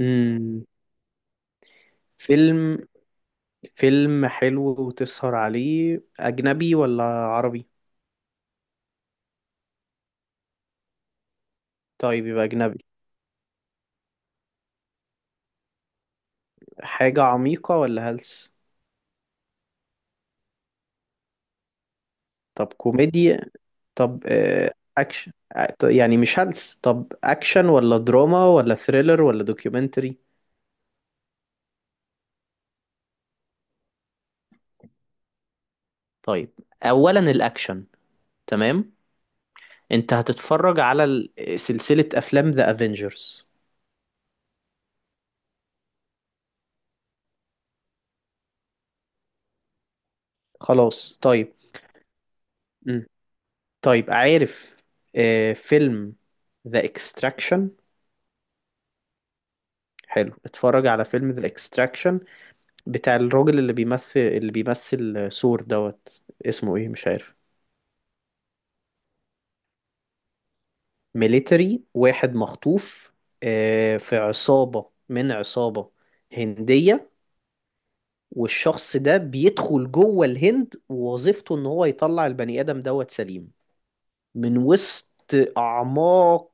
امم فيلم فيلم حلو. وتسهر عليه أجنبي ولا عربي؟ طيب، يبقى أجنبي. حاجة عميقة ولا هلس؟ طب كوميديا. طب أكشن، يعني مش هلس. طب أكشن ولا دراما ولا ثريلر ولا دوكيومنتري؟ طيب، أولا الأكشن، تمام؟ أنت هتتفرج على سلسلة أفلام ذا أفينجرز. خلاص طيب. مم. طيب، عارف، فيلم ذا اكستراكشن؟ حلو، اتفرج على فيلم ذا اكستراكشن. بتاع الراجل اللي بيمثل سور دوت. اسمه ايه، مش عارف. ميليتري واحد مخطوف، في عصابة من عصابة هندية. والشخص ده بيدخل جوه الهند، ووظيفته ان هو يطلع البني ادم دوت سليم من وسط اعماق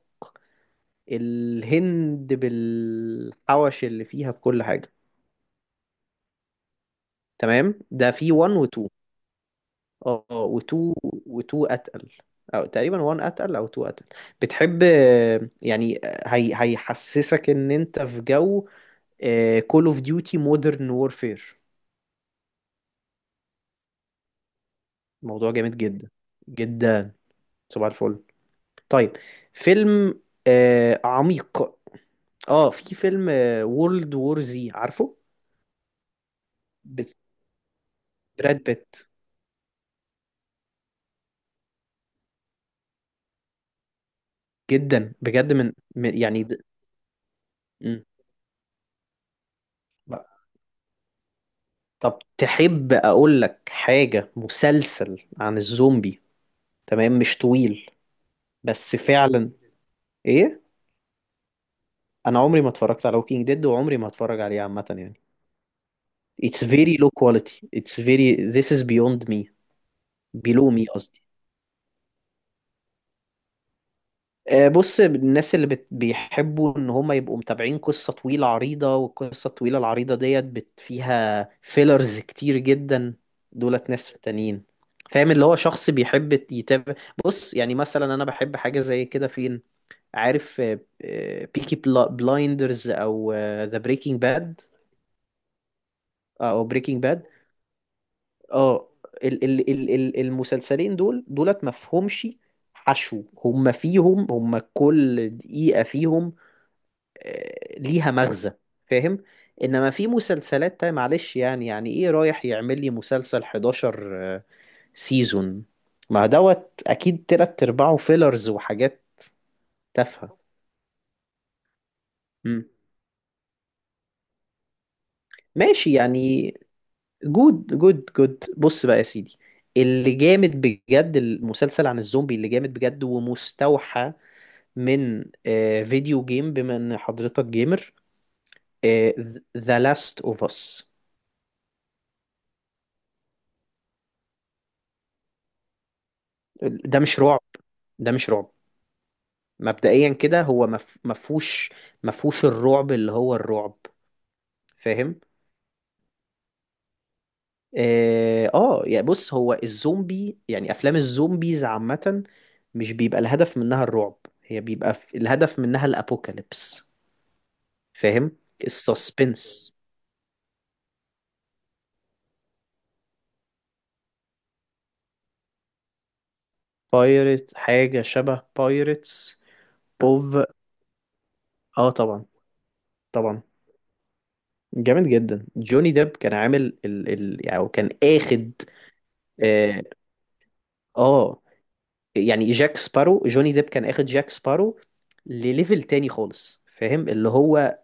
الهند بالحوش اللي فيها بكل حاجة. تمام، ده في 1 و2. اه، وتو اتقل، او تقريبا وان اتقل او تو اتقل. بتحب، يعني، هي هيحسسك ان انت في جو كول اوف ديوتي مودرن وورفير. موضوع جامد جدا جدا. صباح الفل. طيب، فيلم عميق. اه في فيلم وورلد وور زي، عارفه، ب- براد بيت. جدا بجد، يعني، مم. طب تحب اقول لك حاجة؟ مسلسل عن الزومبي، تمام، مش طويل بس فعلا، ايه. انا عمري ما اتفرجت على Walking Dead وعمري ما هتفرج عليه، عامة يعني. it's very low quality, it's very this is beyond me, below me قصدي. بص، الناس اللي بيحبوا ان هم يبقوا متابعين قصة طويلة عريضة، والقصة الطويلة العريضة ديت فيها فيلرز كتير جدا. دولت ناس تانيين، فاهم؟ اللي هو شخص بيحب يتابع. بص، يعني مثلا انا بحب حاجة زي كده، فين، عارف، بيكي بلايندرز او ذا بريكنج باد او بريكنج باد اه. المسلسلين دول دولت مفهومش حشو. هم فيهم، هم كل دقيقة فيهم ليها مغزى، فاهم. انما في مسلسلات تانية، معلش، يعني ايه، رايح يعمل لي مسلسل 11 سيزون؟ ما دوت اكيد تلات ارباعه فيلرز وحاجات تافهة. مم. ماشي يعني. جود جود جود، بص بقى يا سيدي. اللي جامد بجد، المسلسل عن الزومبي اللي جامد بجد ومستوحى من فيديو جيم، بما ان حضرتك جيمر، آه، ذا لاست اوف اس. ده مش رعب، ده مش رعب. مبدئيا كده هو مفهوش الرعب اللي هو الرعب، فاهم. اه، يعني بص، هو الزومبي، يعني افلام الزومبيز عامة مش بيبقى الهدف منها الرعب، هي بيبقى الهدف منها الابوكاليبس، فاهم. السسبنس. بايرت، حاجة شبه بايرتس. بوف. اه، طبعا طبعا، جامد جدا. جوني ديب كان عامل ال ال يعني، أو كان اخد. اه، آه، يعني جاك سبارو، جوني ديب كان اخد جاك سبارو لليفل تاني خالص، فاهم. اللي هو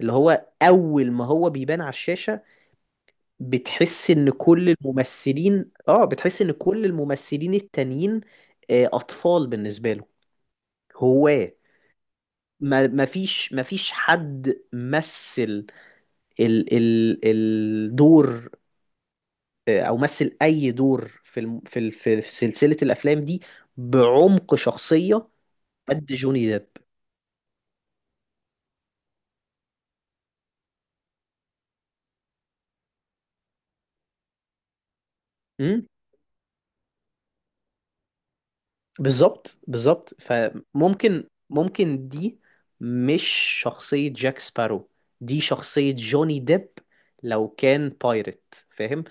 اللي هو اول ما هو بيبان على الشاشة، بتحس ان كل الممثلين التانيين اطفال بالنسبة له، هواة. ما فيش حد مثل ال ال الدور، او مثل اي دور في الم في ال في في سلسلة الافلام دي، بعمق شخصية قد جوني ديب. امم بالظبط بالظبط، فممكن دي مش شخصية جاك سبارو، دي شخصية جوني ديب لو كان بايرت، فاهم.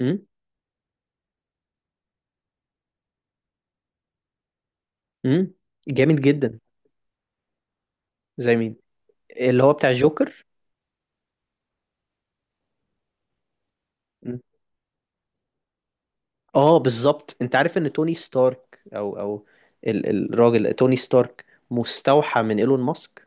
امم امم جامد جدا. زي مين؟ اللي هو بتاع جوكر. اه، بالظبط، انت عارف ان توني ستارك او الراجل توني ستارك مستوحى من ايلون ماسك،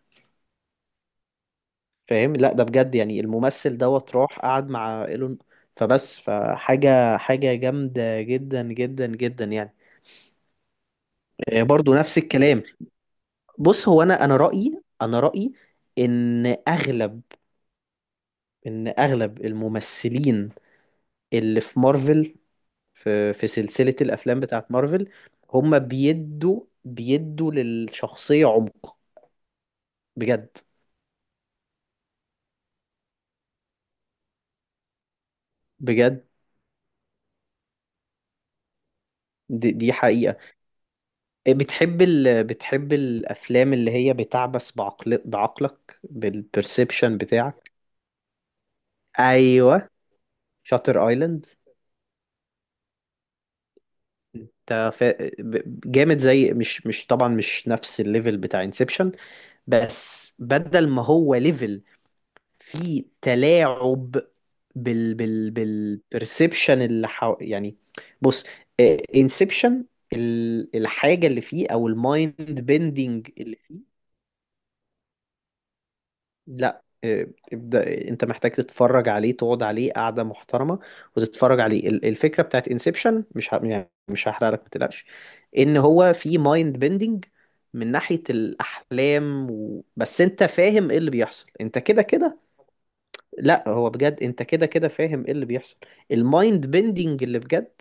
فاهم. لا، ده بجد يعني الممثل دوت راح قعد مع ايلون. فبس، فحاجة جامدة جدا جدا جدا يعني. برضو نفس الكلام. بص هو، انا رأيي، ان اغلب ان اغلب الممثلين اللي في مارفل، في سلسلة الافلام بتاعت مارفل، هم بيدوا للشخصية عمق بجد. بجد، دي حقيقة. إيه، بتحب بتحب الأفلام اللي هي بتعبث بعقلك، بالبرسبشن بتاعك؟ أيوة، شاتر آيلاند. انت جامد زي، مش طبعا، مش نفس الليفل بتاع انسبشن، بس بدل ما هو ليفل فيه تلاعب بالبرسبشن اللي يعني. بص، انسبشن، الحاجة اللي فيه او المايند بيندنج. لا، ابدأ، انت محتاج تتفرج عليه، تقعد عليه قعدة محترمة وتتفرج عليه. الفكرة بتاعت انسبشن مش يعني مش هحرق لك، ما تقلقش. ان هو في مايند بيندنج من ناحية الاحلام بس انت فاهم ايه اللي بيحصل انت كده كده. لا، هو بجد انت كده كده فاهم ايه اللي بيحصل. المايند بيندنج اللي بجد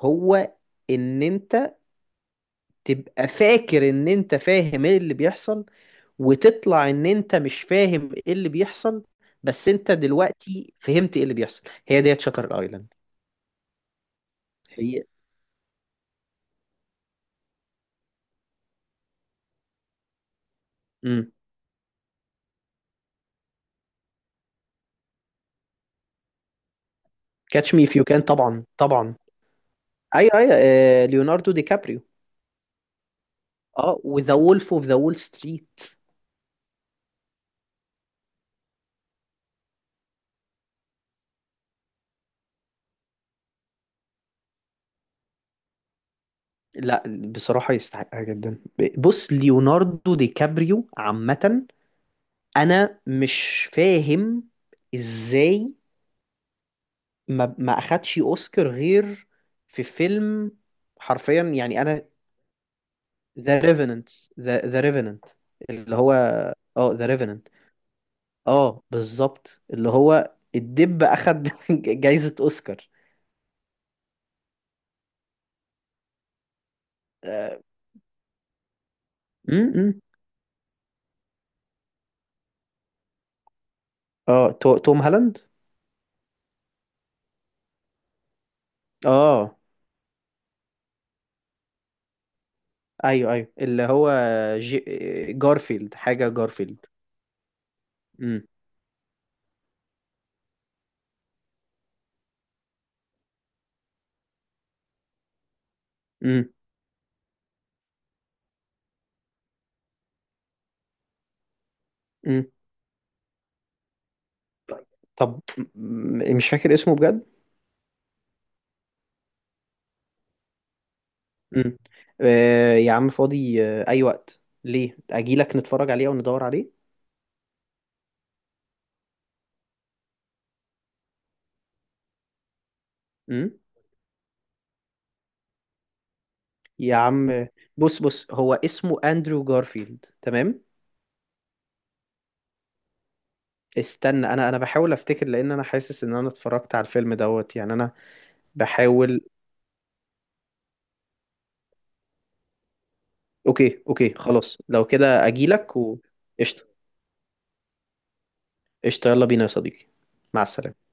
هو ان انت تبقى فاكر ان انت فاهم ايه اللي بيحصل، وتطلع ان انت مش فاهم ايه اللي بيحصل. بس انت دلوقتي فهمت ايه اللي بيحصل. هي ديت شاتر ايلاند. هي امم كاتش مي اف يو كان، طبعا طبعا، ايوه ايوه، ليوناردو دي كابريو. اه، وذا وولف اوف ذا وول ستريت. لا، بصراحة يستحقها جدا. بص ليوناردو دي كابريو عامة، انا مش فاهم ازاي ما اخدش اوسكار غير في فيلم، حرفيا يعني انا. ذا ريفننت، ذا ريفننت اللي هو، اه، ذا ريفننت. اه، بالظبط، اللي هو الدب اخد جايزة اوسكار. اه، م- م. آه، توم هالاند. اه، ايوه ايوه، اللي هو جي... جارفيلد، حاجة جارفيلد. امم امم طب مش فاكر اسمه بجد. امم آه يا عم، فاضي. آه اي وقت، ليه، اجيلك نتفرج عليه او ندور عليه. امم يا عم، بص بص، هو اسمه اندرو جارفيلد، تمام. استنى، انا بحاول افتكر، لان انا حاسس ان انا اتفرجت على الفيلم دوت، يعني انا بحاول. اوكي اوكي خلاص، لو كده اجيلك و... قشطه، قشطه، يلا بينا يا صديقي. مع السلامه.